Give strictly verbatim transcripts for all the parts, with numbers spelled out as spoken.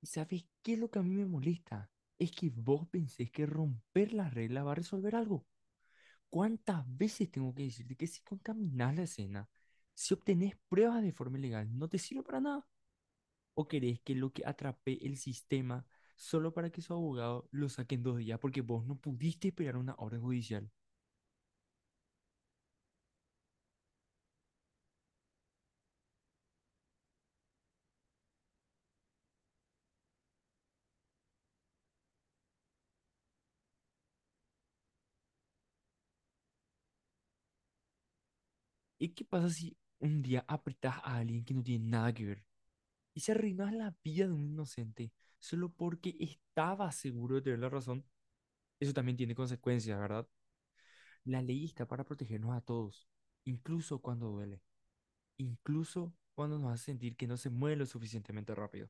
¿Y sabes qué es lo que a mí me molesta? Es que vos pensés que romper la regla va a resolver algo. ¿Cuántas veces tengo que decirte que si contaminás la escena, si obtenés pruebas de forma ilegal, no te sirve para nada? ¿O querés que lo que atrape el sistema solo para que su abogado lo saque en dos días porque vos no pudiste esperar una orden judicial? ¿Y qué pasa si un día apretás a alguien que no tiene nada que ver y se arruinás la vida de un inocente solo porque estaba seguro de tener la razón? Eso también tiene consecuencias, ¿verdad? La ley está para protegernos a todos, incluso cuando duele, incluso cuando nos hace sentir que no se mueve lo suficientemente rápido.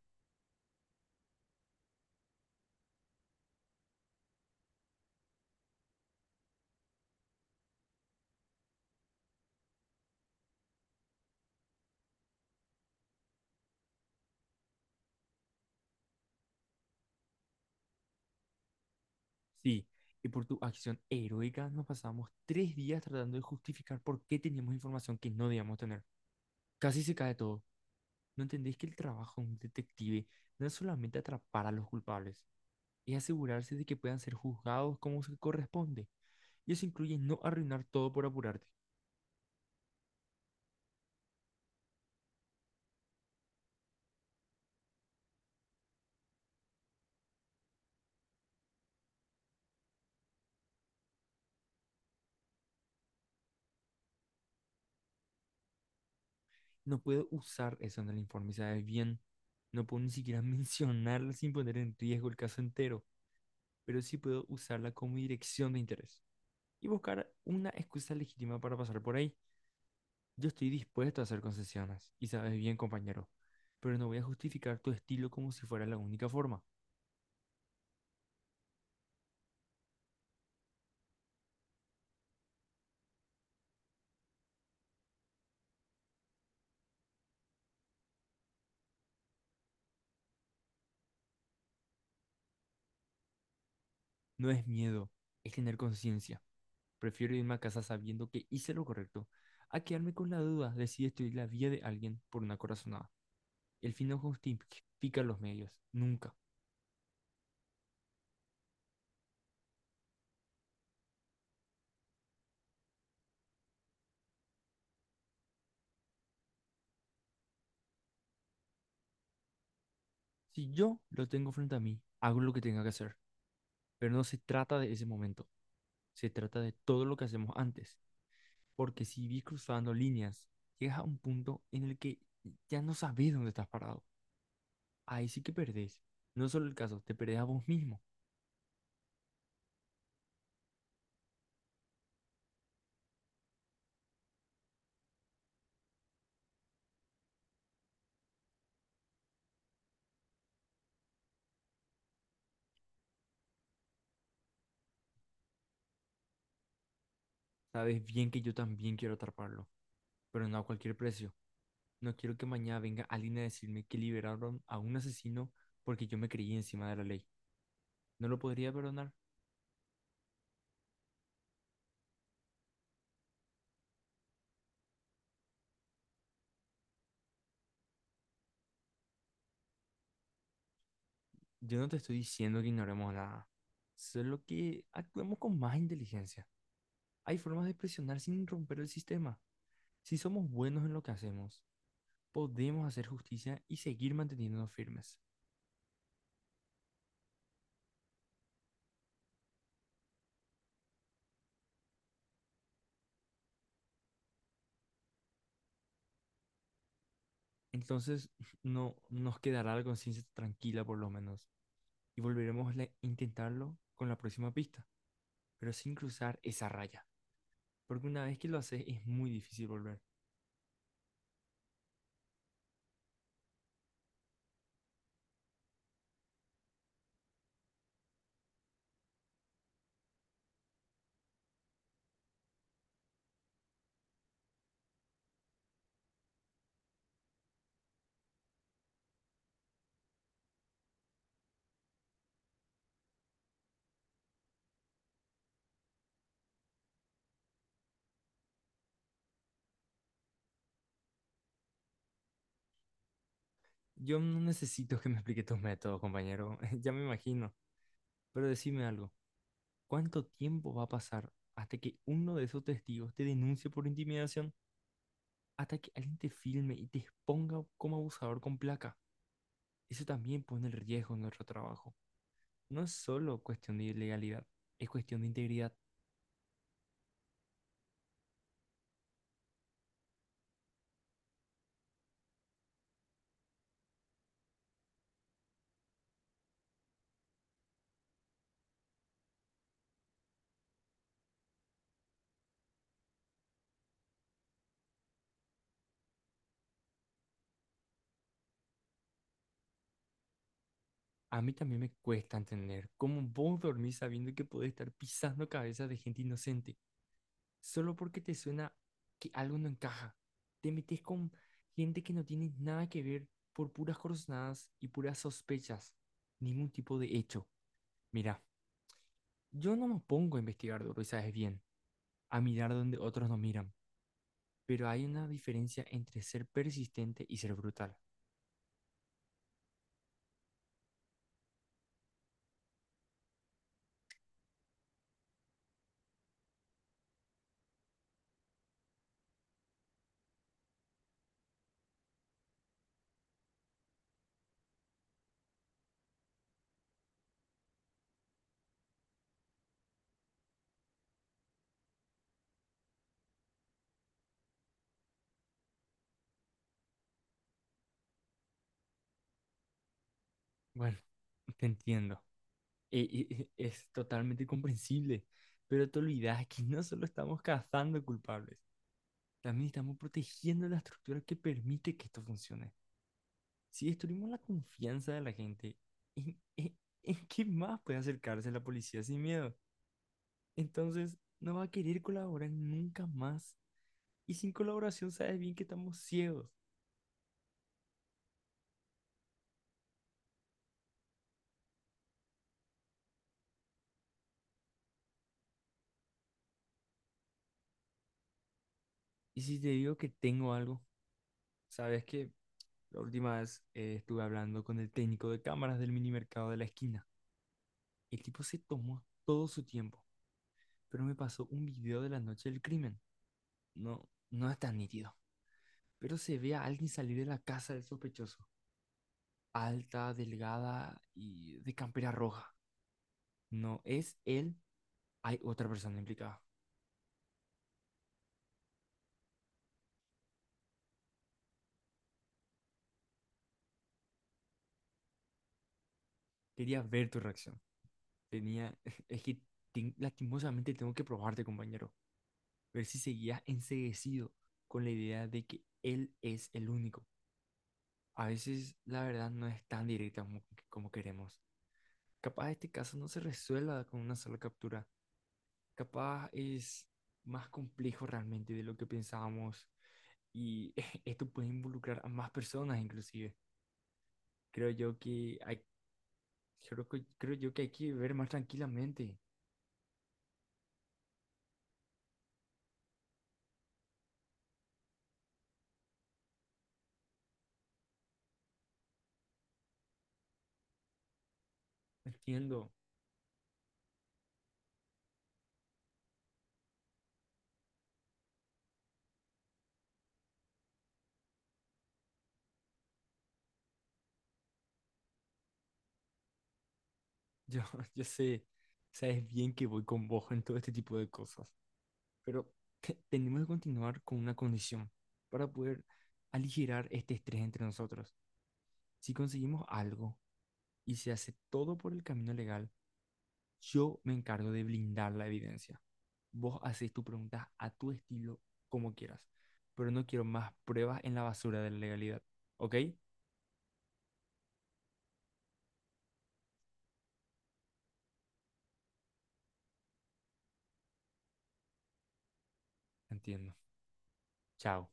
Sí, y por tu acción heroica nos pasamos tres días tratando de justificar por qué teníamos información que no debíamos tener. Casi se cae todo. No entendéis que el trabajo de un detective no es solamente atrapar a los culpables, es asegurarse de que puedan ser juzgados como se corresponde. Y eso incluye no arruinar todo por apurarte. No puedo usar eso en el informe, ¿sabes bien? No puedo ni siquiera mencionarla sin poner en riesgo el caso entero, pero sí puedo usarla como dirección de interés y buscar una excusa legítima para pasar por ahí. Yo estoy dispuesto a hacer concesiones, y sabes bien, compañero, pero no voy a justificar tu estilo como si fuera la única forma. No es miedo, es tener conciencia. Prefiero irme a casa sabiendo que hice lo correcto, a quedarme con la duda de si destruir la vida de alguien por una corazonada. El fin no justifica los medios, nunca. Si yo lo tengo frente a mí, hago lo que tenga que hacer, pero no se trata de ese momento, se trata de todo lo que hacemos antes, porque si vi cruzando líneas, llegas a un punto en el que ya no sabes dónde estás parado. Ahí sí que perdés. No es solo el caso, te perdés a vos mismo. Sabes bien que yo también quiero atraparlo, pero no a cualquier precio. No quiero que mañana venga alguien a decirme que liberaron a un asesino porque yo me creí encima de la ley. No lo podría perdonar. Yo no te estoy diciendo que ignoremos nada, solo que actuemos con más inteligencia. Hay formas de presionar sin romper el sistema. Si somos buenos en lo que hacemos, podemos hacer justicia y seguir manteniéndonos firmes. Entonces, no nos quedará la conciencia tranquila por lo menos y volveremos a intentarlo con la próxima pista, pero sin cruzar esa raya, porque una vez que lo haces es muy difícil volver. Yo no necesito que me explique tus métodos, compañero, ya me imagino, pero decime algo. ¿Cuánto tiempo va a pasar hasta que uno de esos testigos te denuncie por intimidación? Hasta que alguien te filme y te exponga como abusador con placa. Eso también pone en riesgo nuestro trabajo. No es solo cuestión de ilegalidad, es cuestión de integridad. A mí también me cuesta entender cómo vos dormís sabiendo que podés estar pisando cabezas de gente inocente, solo porque te suena que algo no encaja. Te metes con gente que no tiene nada que ver por puras corazonadas y puras sospechas, ningún tipo de hecho. Mira, yo no me pongo a investigar duro y sabes bien, a mirar donde otros no miran, pero hay una diferencia entre ser persistente y ser brutal. Bueno, te entiendo. E- e- e- es totalmente comprensible, pero te olvidas que no solo estamos cazando culpables, también estamos protegiendo la estructura que permite que esto funcione. Si destruimos la confianza de la gente, ¿en, en- en qué más puede acercarse la policía sin miedo? Entonces, no va a querer colaborar nunca más. Y sin colaboración sabes bien que estamos ciegos. Y si te digo que tengo algo, sabes que la última vez eh, estuve hablando con el técnico de cámaras del mini mercado de la esquina. El tipo se tomó todo su tiempo, pero me pasó un video de la noche del crimen. No, no es tan nítido, pero se ve a alguien salir de la casa del sospechoso. Alta, delgada y de campera roja. No es él, hay otra persona implicada. Quería ver tu reacción. Tenía, es que ten- lastimosamente tengo que probarte, compañero. Ver si seguías enceguecido con la idea de que él es el único. A veces la verdad no es tan directa como, como queremos. Capaz este caso no se resuelva con una sola captura. Capaz es más complejo realmente de lo que pensábamos y esto puede involucrar a más personas inclusive. Creo yo que hay, creo, que- creo yo que hay que ver más tranquilamente. Entiendo. Yo, yo sé, sabes bien que voy con vos en todo este tipo de cosas, pero te- tenemos que continuar con una condición para poder aligerar este estrés entre nosotros. Si conseguimos algo y se hace todo por el camino legal, yo me encargo de blindar la evidencia. Vos haces tus preguntas a tu estilo, como quieras, pero no quiero más pruebas en la basura de la legalidad. ¿Ok? Entiendo. Chao.